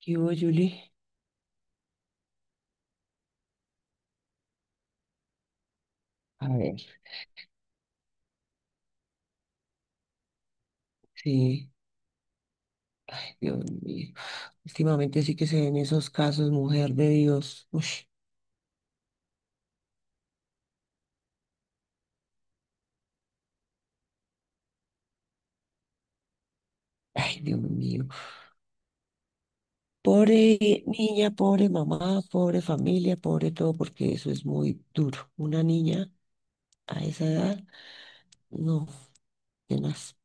¿Qué hubo, Julie? A ver, sí. Ay, Dios mío. Últimamente sí que se ven esos casos, mujer de Dios. Uy, ay, Dios mío. Pobre niña, pobre mamá, pobre familia, pobre todo, porque eso es muy duro. Una niña a esa edad, no, tenaz.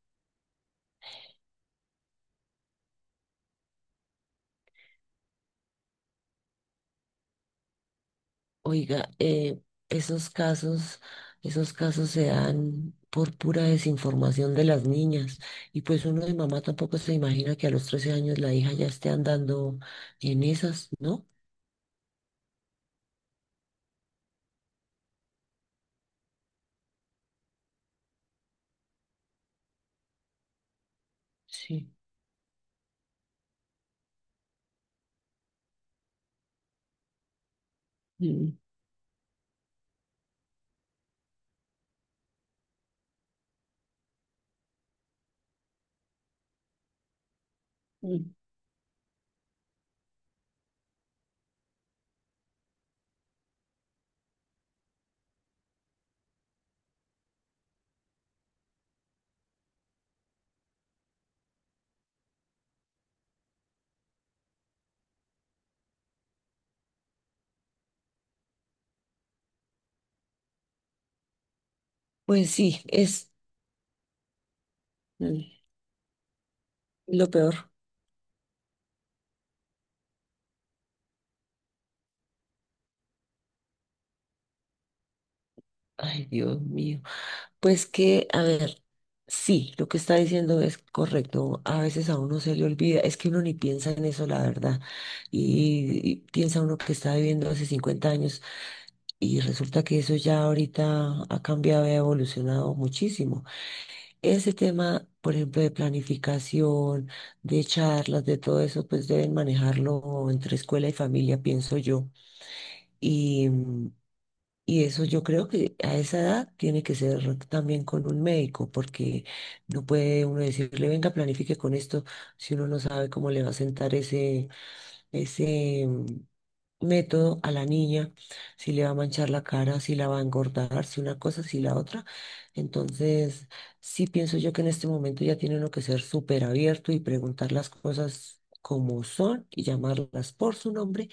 Oiga, esos casos, esos casos se dan por pura desinformación de las niñas. Y pues uno de mamá tampoco se imagina que a los 13 años la hija ya esté andando en esas, ¿no? Sí. Mm, mm. Pues sí, es mm. lo peor. Ay, Dios mío. Pues que, a ver, sí, lo que está diciendo es correcto. A veces a uno se le olvida, es que uno ni piensa en eso, la verdad. Y piensa uno que está viviendo hace 50 años. Y resulta que eso ya ahorita ha cambiado y ha evolucionado muchísimo. Ese tema, por ejemplo, de planificación, de charlas, de todo eso, pues deben manejarlo entre escuela y familia, pienso yo. Y, mm, y eso yo creo que a esa edad tiene que ser también con un médico, porque no puede uno decirle, venga, planifique con esto, si uno no sabe cómo le va a sentar ese método a la niña, si le va a manchar la cara, si la va a engordar, si una cosa, si la otra. Entonces, sí pienso yo que en este momento ya tiene uno que ser súper abierto y preguntar las cosas como son y llamarlas por su nombre.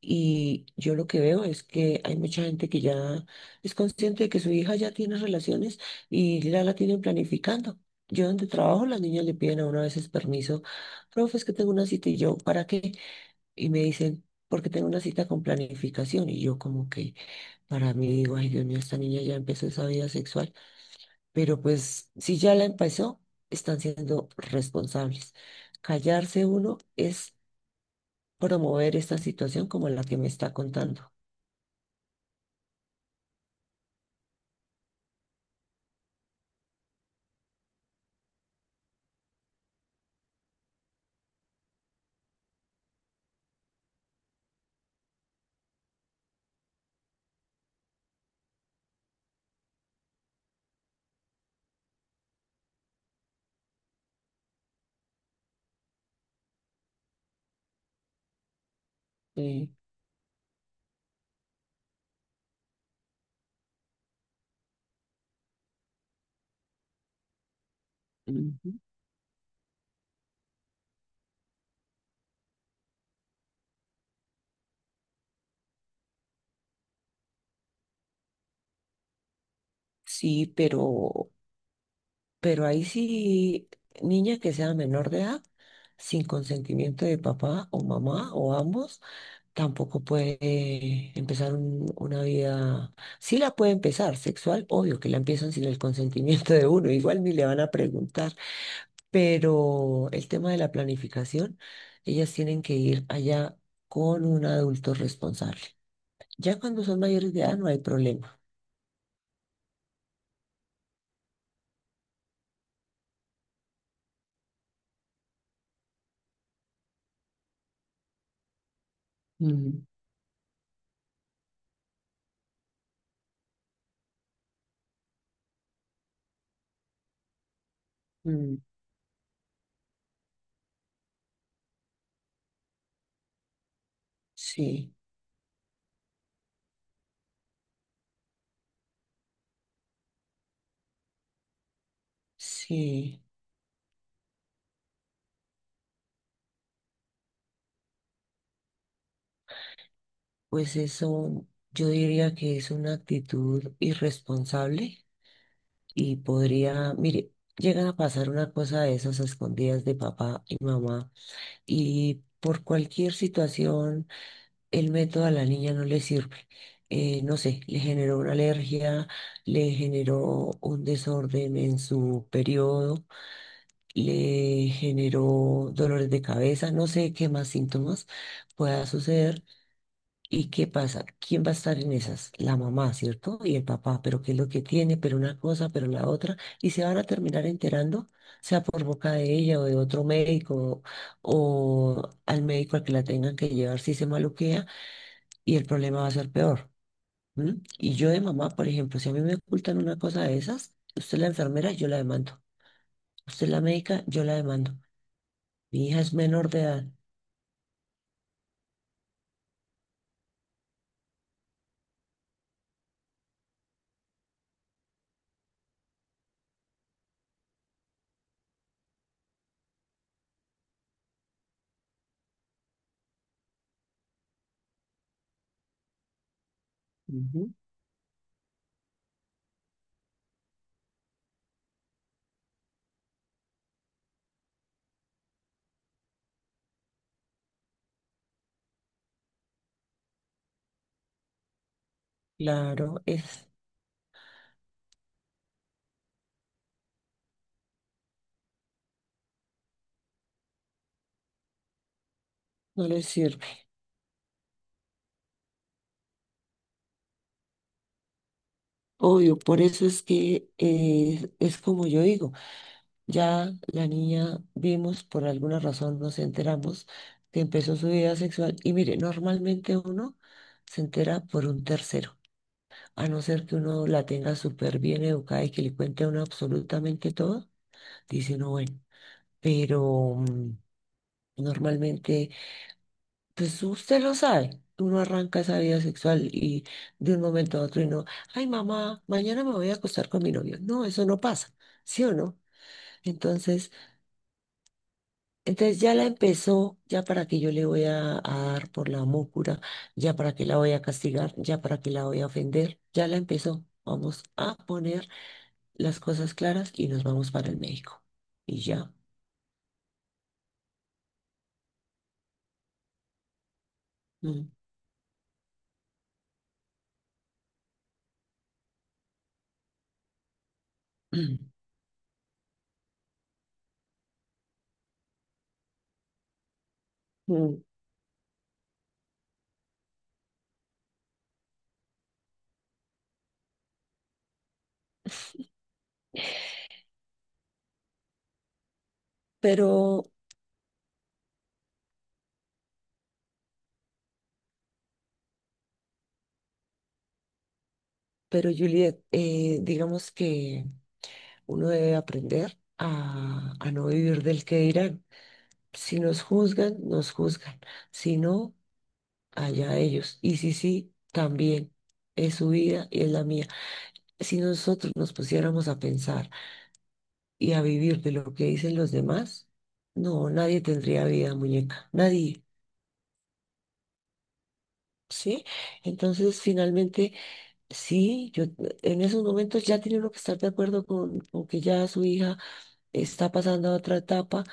Y yo lo que veo es que hay mucha gente que ya es consciente de que su hija ya tiene relaciones y ya la tienen planificando. Yo donde trabajo, las niñas le piden a uno a veces permiso, profe, es que tengo una cita y yo, ¿para qué? Y me dicen, porque tengo una cita con planificación. Y yo como que para mí digo, ay, Dios mío, esta niña ya empezó esa vida sexual. Pero pues si ya la empezó, están siendo responsables. Callarse uno es promover esta situación como la que me está contando. Eh, Ujú. Sí, pero ahí sí, niña que sea menor de edad, sin consentimiento de papá o mamá o ambos. Tampoco puede empezar una vida, sí la puede empezar, sexual, obvio que la empiezan sin el consentimiento de uno, igual ni le van a preguntar, pero el tema de la planificación, ellas tienen que ir allá con un adulto responsable. Ya cuando son mayores de edad no hay problema. Mm. Mm, sí, sí, pues eso yo diría que es una actitud irresponsable. Y podría, mire, llegan a pasar una cosa de esas a escondidas de papá y mamá y por cualquier situación el método a la niña no le sirve. No sé, le generó una alergia, le generó un desorden en su periodo, le generó dolores de cabeza, no sé qué más síntomas pueda suceder. ¿Y qué pasa? ¿Quién va a estar en esas? La mamá, ¿cierto? Y el papá, pero qué es lo que tiene, pero una cosa, pero la otra, y se van a terminar enterando, sea por boca de ella o de otro médico, o al médico al que la tengan que llevar si se maluquea, y el problema va a ser peor. ¿M? Y yo de mamá, por ejemplo, si a mí me ocultan una cosa de esas, usted es la enfermera, yo la demando. Usted es la médica, yo la demando. Mi hija es menor de edad. Ujú. Claro, es, no le sirve. Obvio, por eso es que es como yo digo, ya la niña vimos, por alguna razón nos enteramos que empezó su vida sexual y mire, normalmente uno se entera por un tercero, a no ser que uno la tenga súper bien educada y que le cuente a uno absolutamente todo, dice uno, bueno, pero normalmente. Pues usted lo sabe, uno arranca esa vida sexual y de un momento a otro uno, ay, mamá, mañana me voy a acostar con mi novio. No, eso no pasa, ¿sí o no? Entonces, entonces, ya la empezó, ya para que yo le voy a dar por la mócura, ya para que la voy a castigar, ya para que la voy a ofender, ya la empezó. Vamos a poner las cosas claras y nos vamos para el médico. Y ya. Mm, mm, mm. Pero, pero Juliet, digamos que... Uno debe aprender a no vivir del que dirán. Si nos juzgan, nos juzgan. Si no, allá ellos. Y si sí, también. Es su vida y es la mía. Si nosotros nos pusiéramos a pensar y a vivir de lo que dicen los demás, no, nadie tendría vida, muñeca. Nadie. ¿Sí? Entonces, finalmente, sí, yo en esos momentos ya tiene uno que estar de acuerdo con que ya su hija está pasando a otra etapa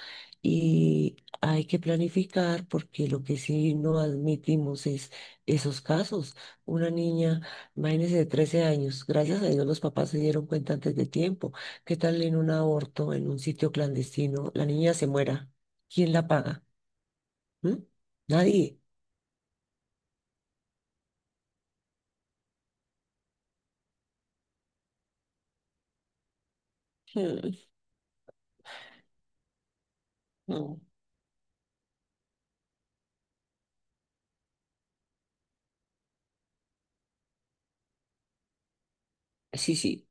y hay que planificar porque lo que sí no admitimos es esos casos. Una niña, imagínese, de 13 años, gracias a Dios los papás se dieron cuenta antes de tiempo. ¿Qué tal en un aborto, en un sitio clandestino, la niña se muera? ¿Quién la paga? ¿Mm? Nadie. Mm, no. Sí, sí.